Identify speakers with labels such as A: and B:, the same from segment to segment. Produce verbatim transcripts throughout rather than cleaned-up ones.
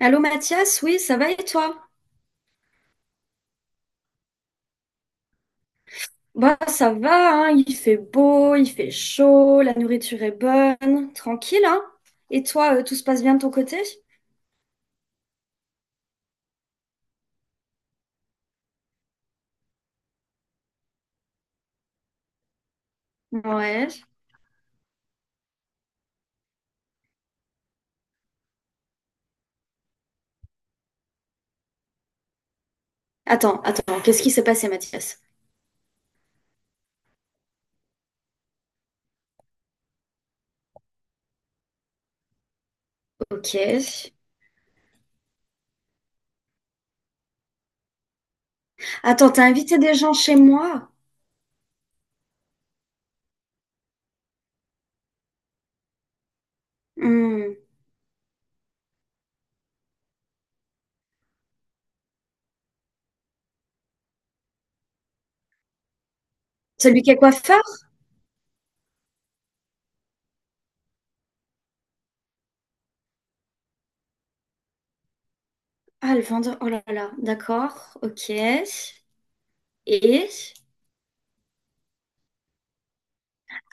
A: Allô Mathias, oui, ça va et toi? Bah ça va, hein, il fait beau, il fait chaud, la nourriture est bonne, tranquille, hein? Et toi, euh, tout se passe bien de ton côté? Ouais. Attends, attends, qu'est-ce qui s'est passé Mathias? Ok. Attends, t'as invité des gens chez moi? Hmm. Celui qui est coiffeur? Ah, le vendeur, oh là là, d'accord, ok. Et?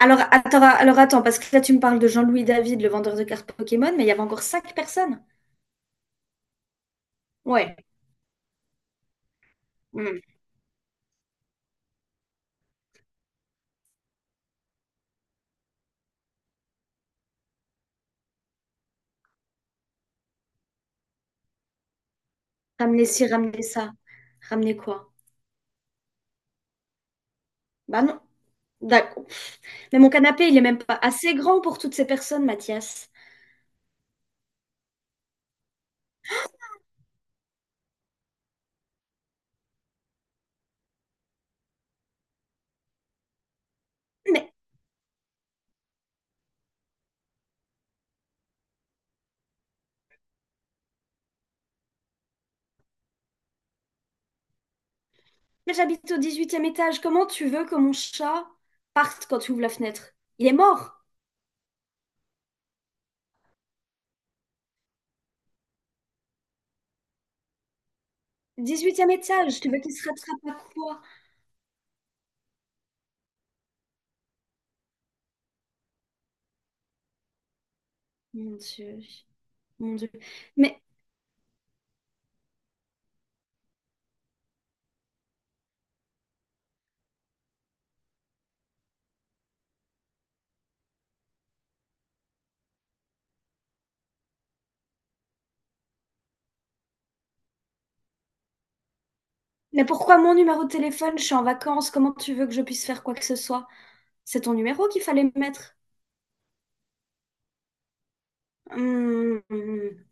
A: Alors, attends, alors attends, parce que là tu me parles de Jean-Louis David, le vendeur de cartes Pokémon, mais il y avait encore cinq personnes. Ouais. Ramener ci, ramener ça. Ramener quoi? Bah non. D'accord. Mais mon canapé, il est même pas assez grand pour toutes ces personnes, Mathias. Mais, mais j'habite au dix-huitième étage. Comment tu veux que mon chat parte quand tu ouvres la fenêtre? Il est mort. Dix-huitième étage, tu veux qu'il se rattrape à quoi? Mon Dieu, mon Dieu. Mais, mais pourquoi mon numéro de téléphone? Je suis en vacances. Comment tu veux que je puisse faire quoi que ce soit? C'est ton numéro qu'il fallait mettre. Hum, hum.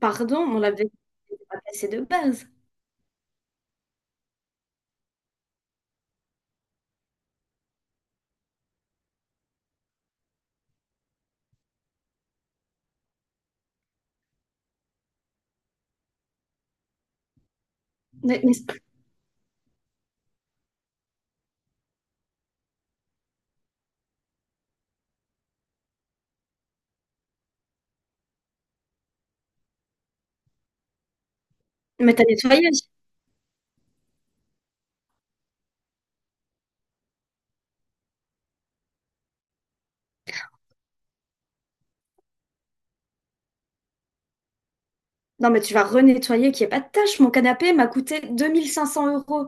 A: Pardon, on l'avait pas passé de base. Mais, mais Mais t'as nettoyé. Non, mais tu vas renettoyer qu'il n'y ait pas de tâche. Mon canapé m'a coûté deux mille cinq cents euros.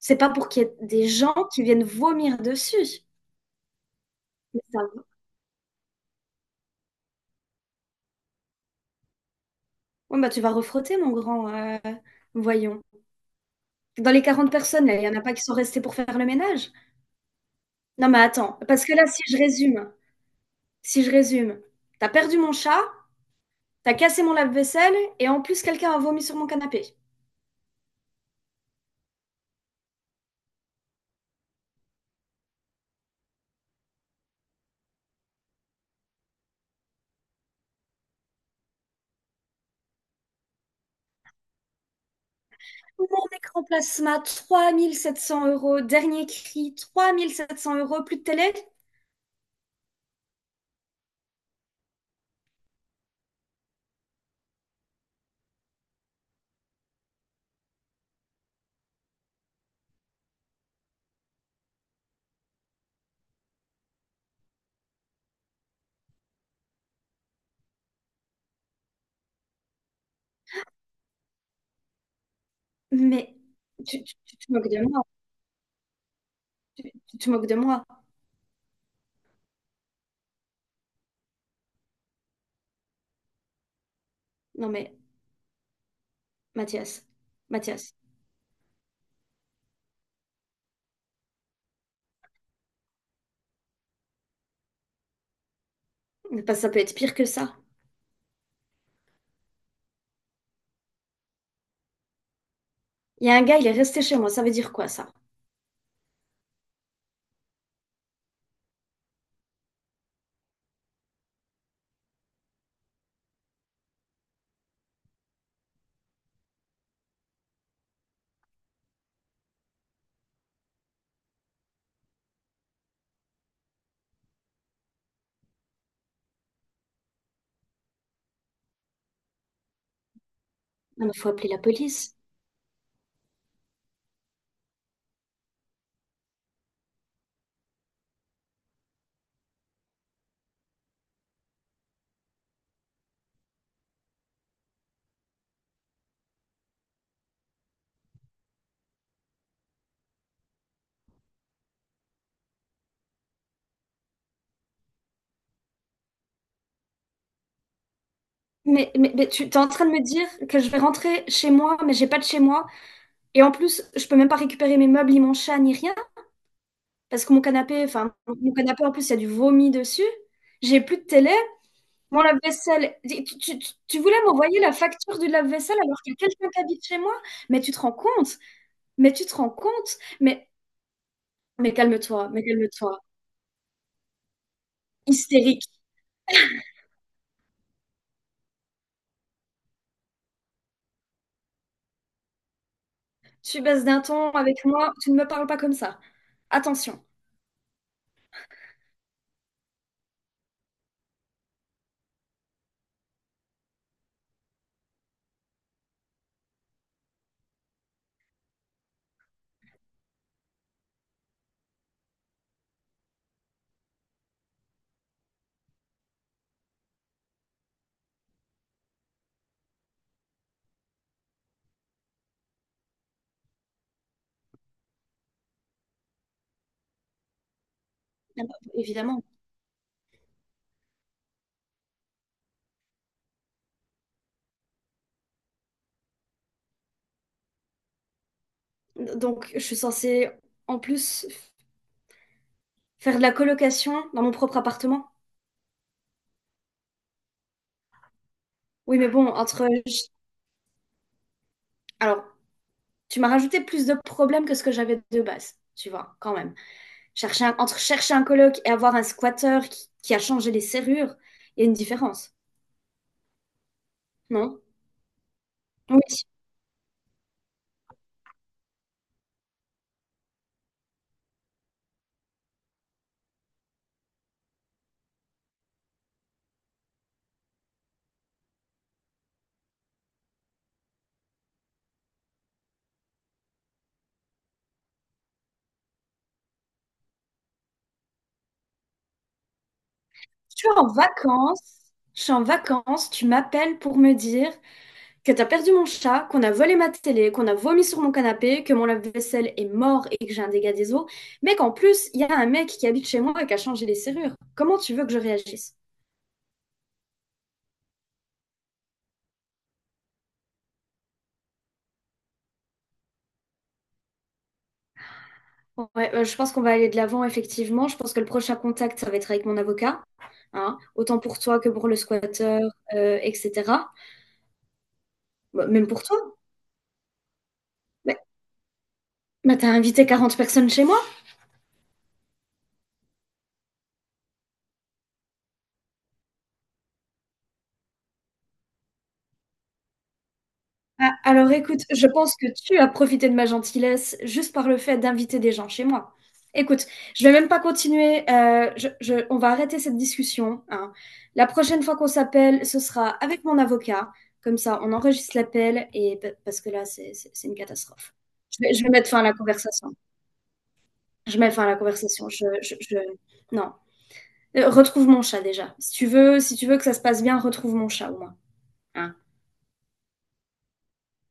A: C'est pas pour qu'il y ait des gens qui viennent vomir dessus. Mais ça va. Ouais, bah, tu vas refrotter, mon grand. euh, Voyons. Dans les quarante personnes, là, il n'y en a pas qui sont restées pour faire le ménage. Non, mais attends. Parce que là, si je résume, si je résume, t'as perdu mon chat, t'as cassé mon lave-vaisselle, et en plus, quelqu'un a vomi sur mon canapé. Mon écran plasma, trois mille sept cents euros. Dernier cri, trois mille sept cents euros. Plus de télé. Mais tu, tu- tu te moques de moi. Tu, tu te moques de moi. Non mais Mathias, Mathias, mais pas- ça peut être pire que ça. Il y a un gars, il est resté chez moi. Ça veut dire quoi ça? Non mais faut appeler la police. Mais, mais, mais tu t'es en train de me dire que je vais rentrer chez moi, mais j'ai pas de chez moi. Et en plus, je peux même pas récupérer mes meubles, ni mon chat, ni rien. Parce que mon canapé, enfin, mon canapé en plus, il y a du vomi dessus. J'ai plus de télé. Mon lave-vaisselle. Tu, tu, tu tu voulais m'envoyer la facture du lave-vaisselle alors qu'il y a quelqu'un qui habite chez moi? Mais tu te rends compte? Mais tu te rends compte? Mais, mais calme-toi, mais calme-toi. Hystérique. Tu baisses d'un ton avec moi, tu ne me parles pas comme ça. Attention. Évidemment. Donc, je suis censée, en plus, faire de la colocation dans mon propre appartement. Oui, mais bon, entre… Alors, tu m'as rajouté plus de problèmes que ce que j'avais de base, tu vois, quand même. Chercher un- Entre chercher un coloc et avoir un squatteur qui... qui a changé les serrures, il y a une différence, non? Oui. Je suis en vacances, je suis en vacances, tu m'appelles pour me dire que t'as perdu mon chat, qu'on a volé ma télé, qu'on a vomi sur mon canapé, que mon lave-vaisselle est mort et que j'ai un dégât des eaux, mais qu'en plus, il y a un mec qui habite chez moi et qui a changé les serrures. Comment tu veux que je réagisse? Ouais, euh, je pense qu'on va aller de l'avant, effectivement. Je pense que le prochain contact, ça va être avec mon avocat, hein, autant pour toi que pour le squatteur, euh, et cetera. Bah, même pour toi. Mais, mais t'as invité quarante personnes chez moi. Ah, alors écoute, je pense que tu as profité de ma gentillesse juste par le fait d'inviter des gens chez moi. Écoute, je vais même pas continuer. Euh, je- je- on va arrêter cette discussion, hein. La prochaine fois qu'on s'appelle, ce sera avec mon avocat. Comme ça, on enregistre l'appel et pa- parce que là, c'est c'est- c'est une catastrophe. Je vais, je vais mettre fin à la conversation. Je mets fin à la conversation. Je, je- je- Non. Euh, Retrouve mon chat déjà. Si tu veux, si tu veux que ça se passe bien, retrouve mon chat au moins, hein.